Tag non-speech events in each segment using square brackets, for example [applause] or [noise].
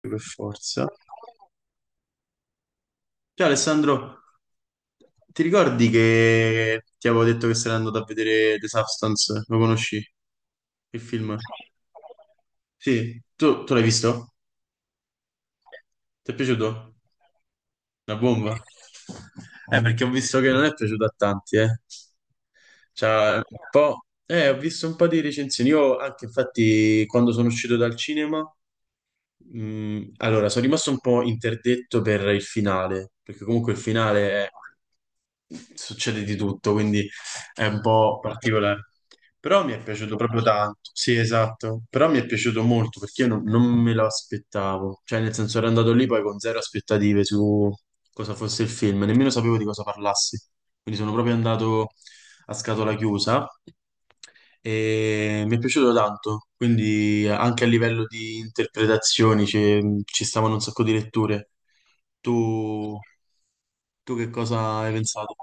Per forza. Ciao Alessandro, ti ricordi che ti avevo detto che sarei andato a vedere The Substance? Lo conosci? Il film? Sì, tu l'hai visto? Ti è piaciuto? La bomba? Perché ho visto che non è piaciuto a tanti, eh. Cioè, un po'... Ho visto un po' di recensioni. Io anche, infatti, quando sono uscito dal cinema. Mm, allora, sono rimasto un po' interdetto per il finale, perché comunque il finale è- succede di tutto, quindi è un po' particolare. Però mi è piaciuto proprio tanto. Sì, esatto. Però mi è piaciuto molto perché io non me lo aspettavo. Cioè, nel senso, ero andato lì poi con zero aspettative su cosa fosse il film, nemmeno sapevo di cosa parlassi. Quindi sono proprio andato a scatola chiusa e mi è piaciuto tanto, quindi anche a livello di interpretazioni ci stavano un sacco di letture. Tu, tu che cosa hai pensato?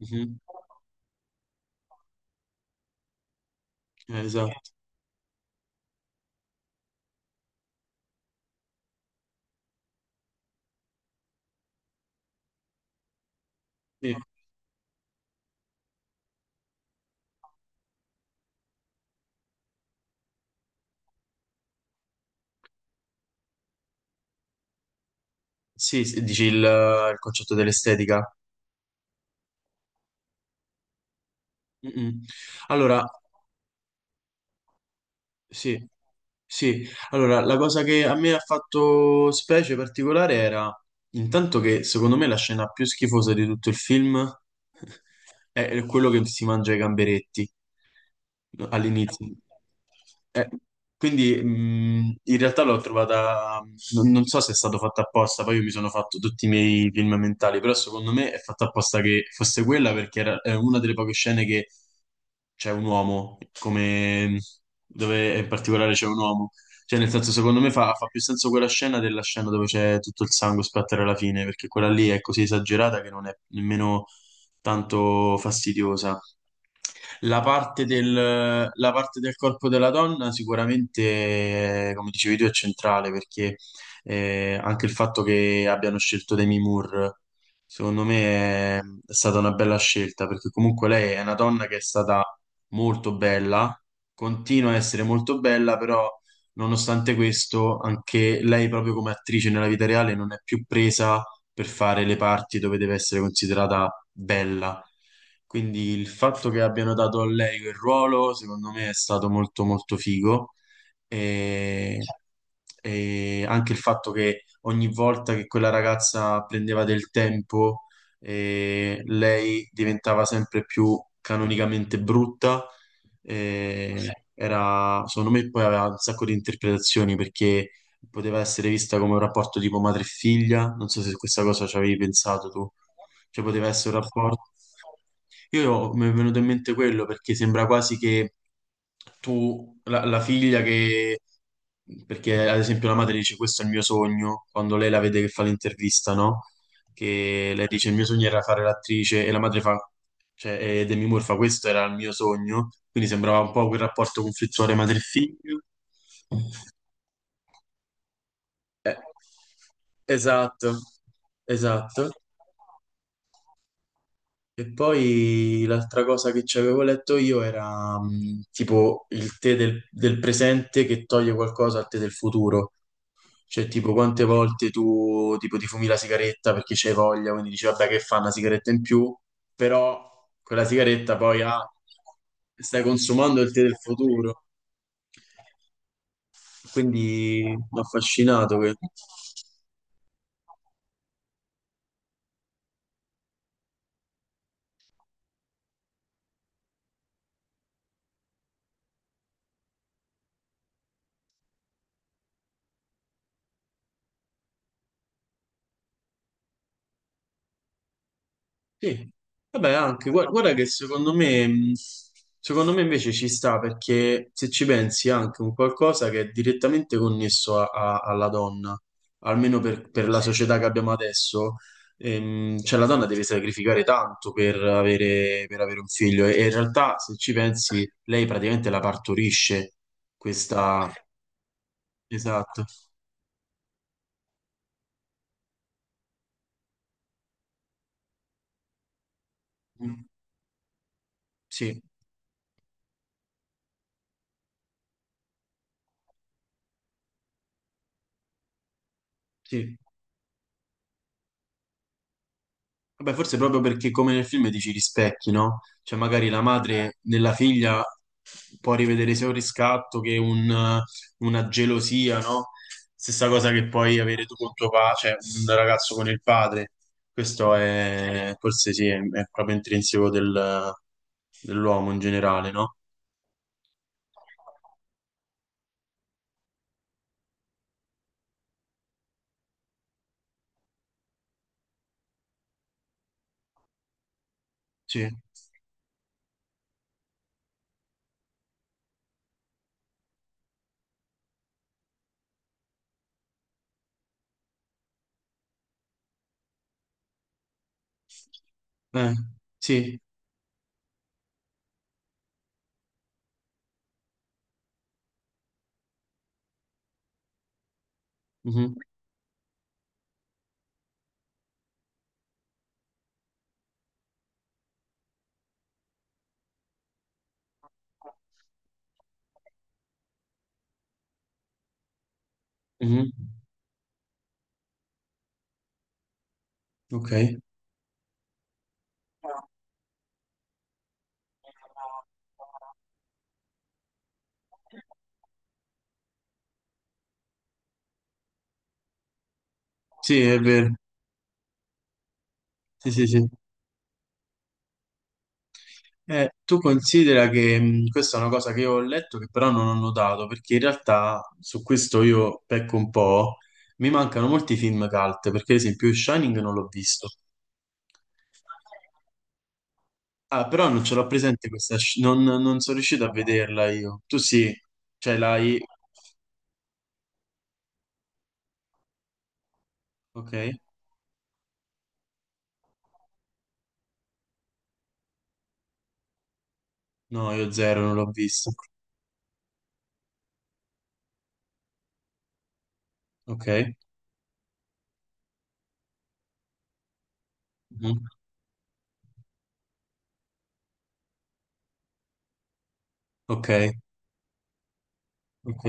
Mhm. Esatto. Sì, sì, sì, dici il concetto dell'estetica. Mm, mm. Allora, sì. Sì, allora, la cosa che a me ha fatto specie particolare era intanto che secondo me la scena più schifosa di tutto il film [laughs] è quello che si mangia i gamberetti no, all'inizio. Eh, quindi in realtà l'ho trovata, non so se è stato fatto apposta, poi io mi sono fatto tutti i miei film mentali, però secondo me è fatta apposta che fosse quella perché era, è una delle poche scene che c'è un uomo, come dove in particolare c'è un uomo. Cioè, nel senso, secondo me fa più senso quella scena della scena dove c'è tutto il sangue a splattare alla fine, perché quella lì è così esagerata che non è nemmeno tanto fastidiosa. La parte del corpo della donna sicuramente, come dicevi tu, è centrale perché anche il fatto che abbiano scelto Demi Moore, secondo me, è stata una bella scelta perché comunque lei è una donna che è stata molto bella, continua a essere molto bella, però nonostante questo, anche lei proprio come attrice nella vita reale non è più presa per fare le parti dove deve essere considerata bella. Quindi il fatto che abbiano dato a lei quel ruolo, secondo me, è stato molto molto figo. E, e anche il fatto che ogni volta che quella ragazza prendeva del tempo, lei diventava sempre più canonicamente brutta. Eh, era, secondo me, poi aveva un sacco di interpretazioni perché poteva essere vista come un rapporto tipo madre e figlia, non so se questa cosa ci avevi pensato tu, cioè poteva essere un rapporto... Io mi è venuto in mente quello perché sembra quasi che tu, la, la figlia che... Perché ad esempio la madre dice questo è il mio sogno, quando lei la vede che fa l'intervista, no? Che lei dice il mio sogno era fare l'attrice e la madre fa, cioè e Demi Moore fa questo era il mio sogno, quindi sembrava un po' quel rapporto conflittuale madre-figlio. Eh, esatto, esatto. E poi l'altra cosa che ci avevo letto io era tipo il tè del presente che toglie qualcosa al tè del futuro. Cioè, tipo, quante volte tu tipo, ti fumi la sigaretta perché c'hai voglia, quindi dici, vabbè, che fa una sigaretta in più, però quella sigaretta poi ah, stai consumando il tè del futuro. Quindi mi ha affascinato. Que- Sì, vabbè, anche gua- guarda, che secondo me invece ci sta perché se ci pensi è anche un qualcosa che è direttamente connesso a- a- alla donna, almeno per la società che abbiamo adesso, cioè la donna deve sacrificare tanto per avere un figlio e in realtà se ci pensi lei praticamente la partorisce, questa... Esatto, mm, sì, sì. Vabbè, forse proprio perché come nel film dici rispecchi, no? Cioè magari la madre nella figlia può rivedere sia un riscatto che un- una gelosia, no? Stessa cosa che puoi avere tu con tuo padre, cioè un ragazzo con il padre. Questo è, forse sì, è proprio intrinseco del- dell'uomo in generale, no? Sì. Eh, sì. Mhm. Mhm. Ok. Sì, è vero. Sì, sì, sì. Tu considera che questa è una cosa che io ho letto che però non ho notato, perché in realtà su questo io pecco un po', mi mancano molti film cult, perché ad esempio Shining non l'ho visto. Ah, però non ce l'ho presente questa, sci- non sono riuscito a vederla io. Tu sì, cioè l'hai... Ok? No, io zero, non l'ho visto. Ok? Mhm. Ok, ok.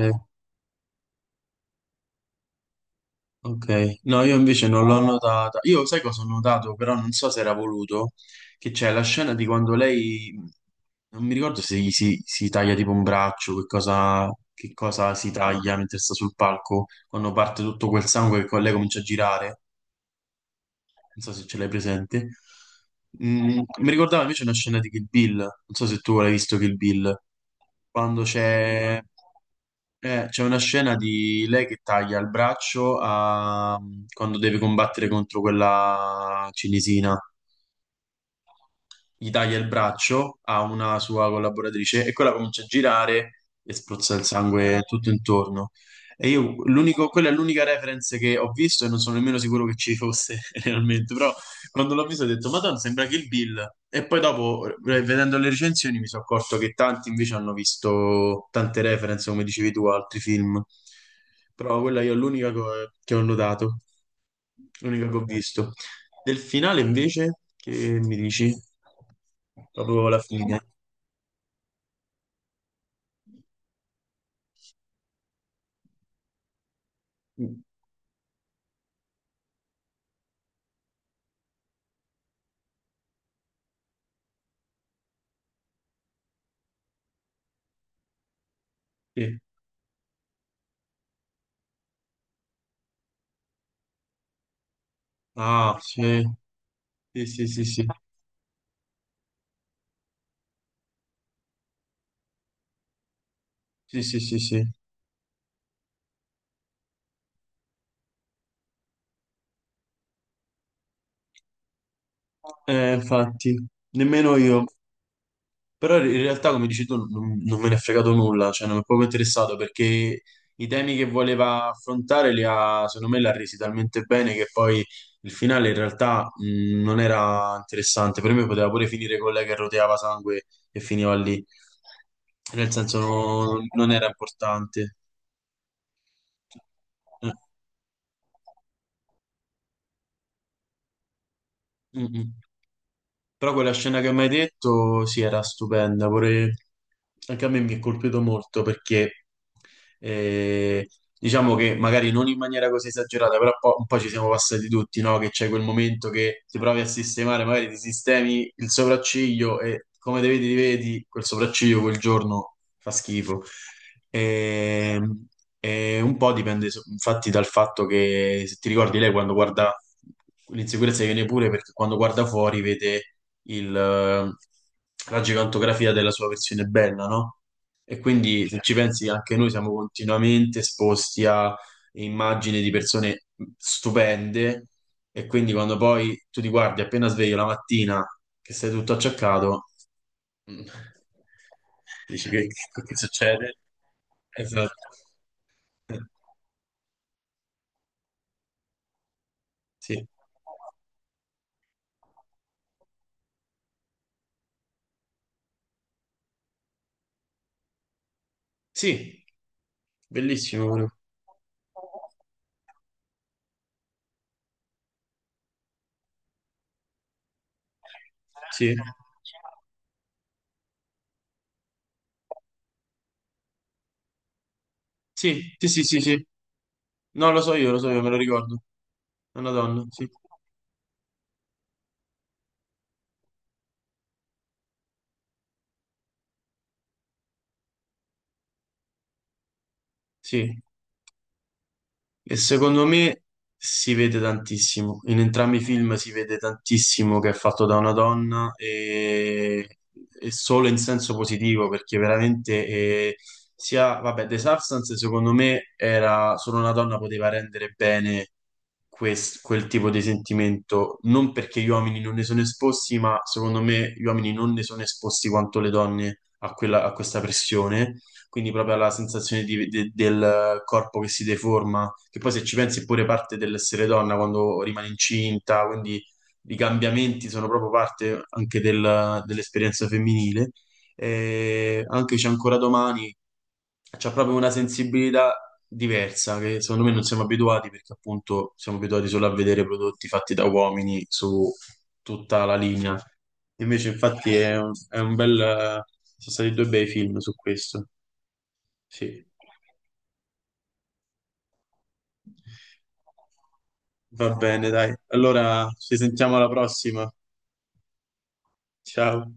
Ok, no, io invece non l'ho notata. Io sai cosa ho notato, però non so se era voluto, che c'è la scena di quando lei, non mi ricordo se gli si, si taglia tipo un braccio, che cosa si taglia mentre sta sul palco, quando parte tutto quel sangue che con lei comincia a girare, non so se ce l'hai presente. Mm, mi ricordava invece una scena di Kill Bill, non so se tu l'hai visto Kill Bill quando c'è c'è una scena di lei che taglia il braccio a- quando deve combattere contro quella cinesina gli taglia il braccio a una sua collaboratrice e quella comincia a girare e spruzza il sangue tutto intorno. E io, l'unico, quella è l'unica reference che ho visto e non sono nemmeno sicuro che ci fosse [laughs] realmente, però quando l'ho visto ho detto, Madonna, sembra Kill Bill. E poi dopo, vedendo le recensioni, mi sono accorto che tanti invece hanno visto tante reference, come dicevi tu, a altri film. Però quella io è l'unica co- che ho notato, l'unica che ho visto. Del finale invece, che mi dici? Proprio la fine. Sì. Ah, sì, sì, sì, sì, sì, sì, sì, sì, sì. Infatti, nemmeno io. Però in realtà, come dici tu, non me ne è fregato nulla, cioè non mi è proprio interessato perché i temi che voleva affrontare li ha, secondo me, l'ha resi talmente bene che poi il finale in realtà non era interessante. Per me poteva pure finire con lei che roteava sangue e finiva lì, nel senso no- non era importante. Eh, mm, mm. Però quella scena che mi hai detto, sì, era stupenda, pure anche a me mi è colpito molto perché eh, diciamo che magari non in maniera così esagerata, però po- un po' ci siamo passati tutti, no? Che c'è quel momento che ti provi a sistemare, magari ti sistemi il sopracciglio e come te vedi, ti vedi, quel sopracciglio quel giorno fa schifo. Ehm, e un po' dipende so- infatti dal fatto che, se ti ricordi, lei quando guarda, l'insicurezza viene pure perché quando guarda fuori vede il, la gigantografia della sua versione bella, no? E quindi se ci pensi anche noi siamo continuamente esposti a immagini di persone stupende e quindi quando poi tu ti guardi appena sveglio la mattina che sei tutto acciaccato, mm, dici che succede? Esatto. Sì, sì, bellissimo pure. Sì, sì, sì, sì, sì, sì. No, lo so io, me lo ricordo. È una donna, sì. Sì. E secondo me si vede tantissimo. In entrambi i film si vede tantissimo che è fatto da una donna e solo in senso positivo perché veramente sia, vabbè, The Substance secondo me era solo una donna poteva rendere bene quest- quel tipo di sentimento, non perché gli uomini non ne sono esposti, ma secondo me gli uomini non ne sono esposti quanto le donne a quella- a questa pressione, quindi proprio alla sensazione di- de- del corpo che si deforma che poi se ci pensi è pure parte dell'essere donna quando rimane incinta, quindi i cambiamenti sono proprio parte anche del- dell'esperienza femminile. E anche c'è ancora domani, c'è proprio una sensibilità diversa che secondo me non siamo abituati perché appunto siamo abituati solo a vedere prodotti fatti da uomini su tutta la linea. Invece infatti è un bel... sono stati due bei film su questo. Sì. Va bene, dai. Allora ci sentiamo alla prossima. Ciao.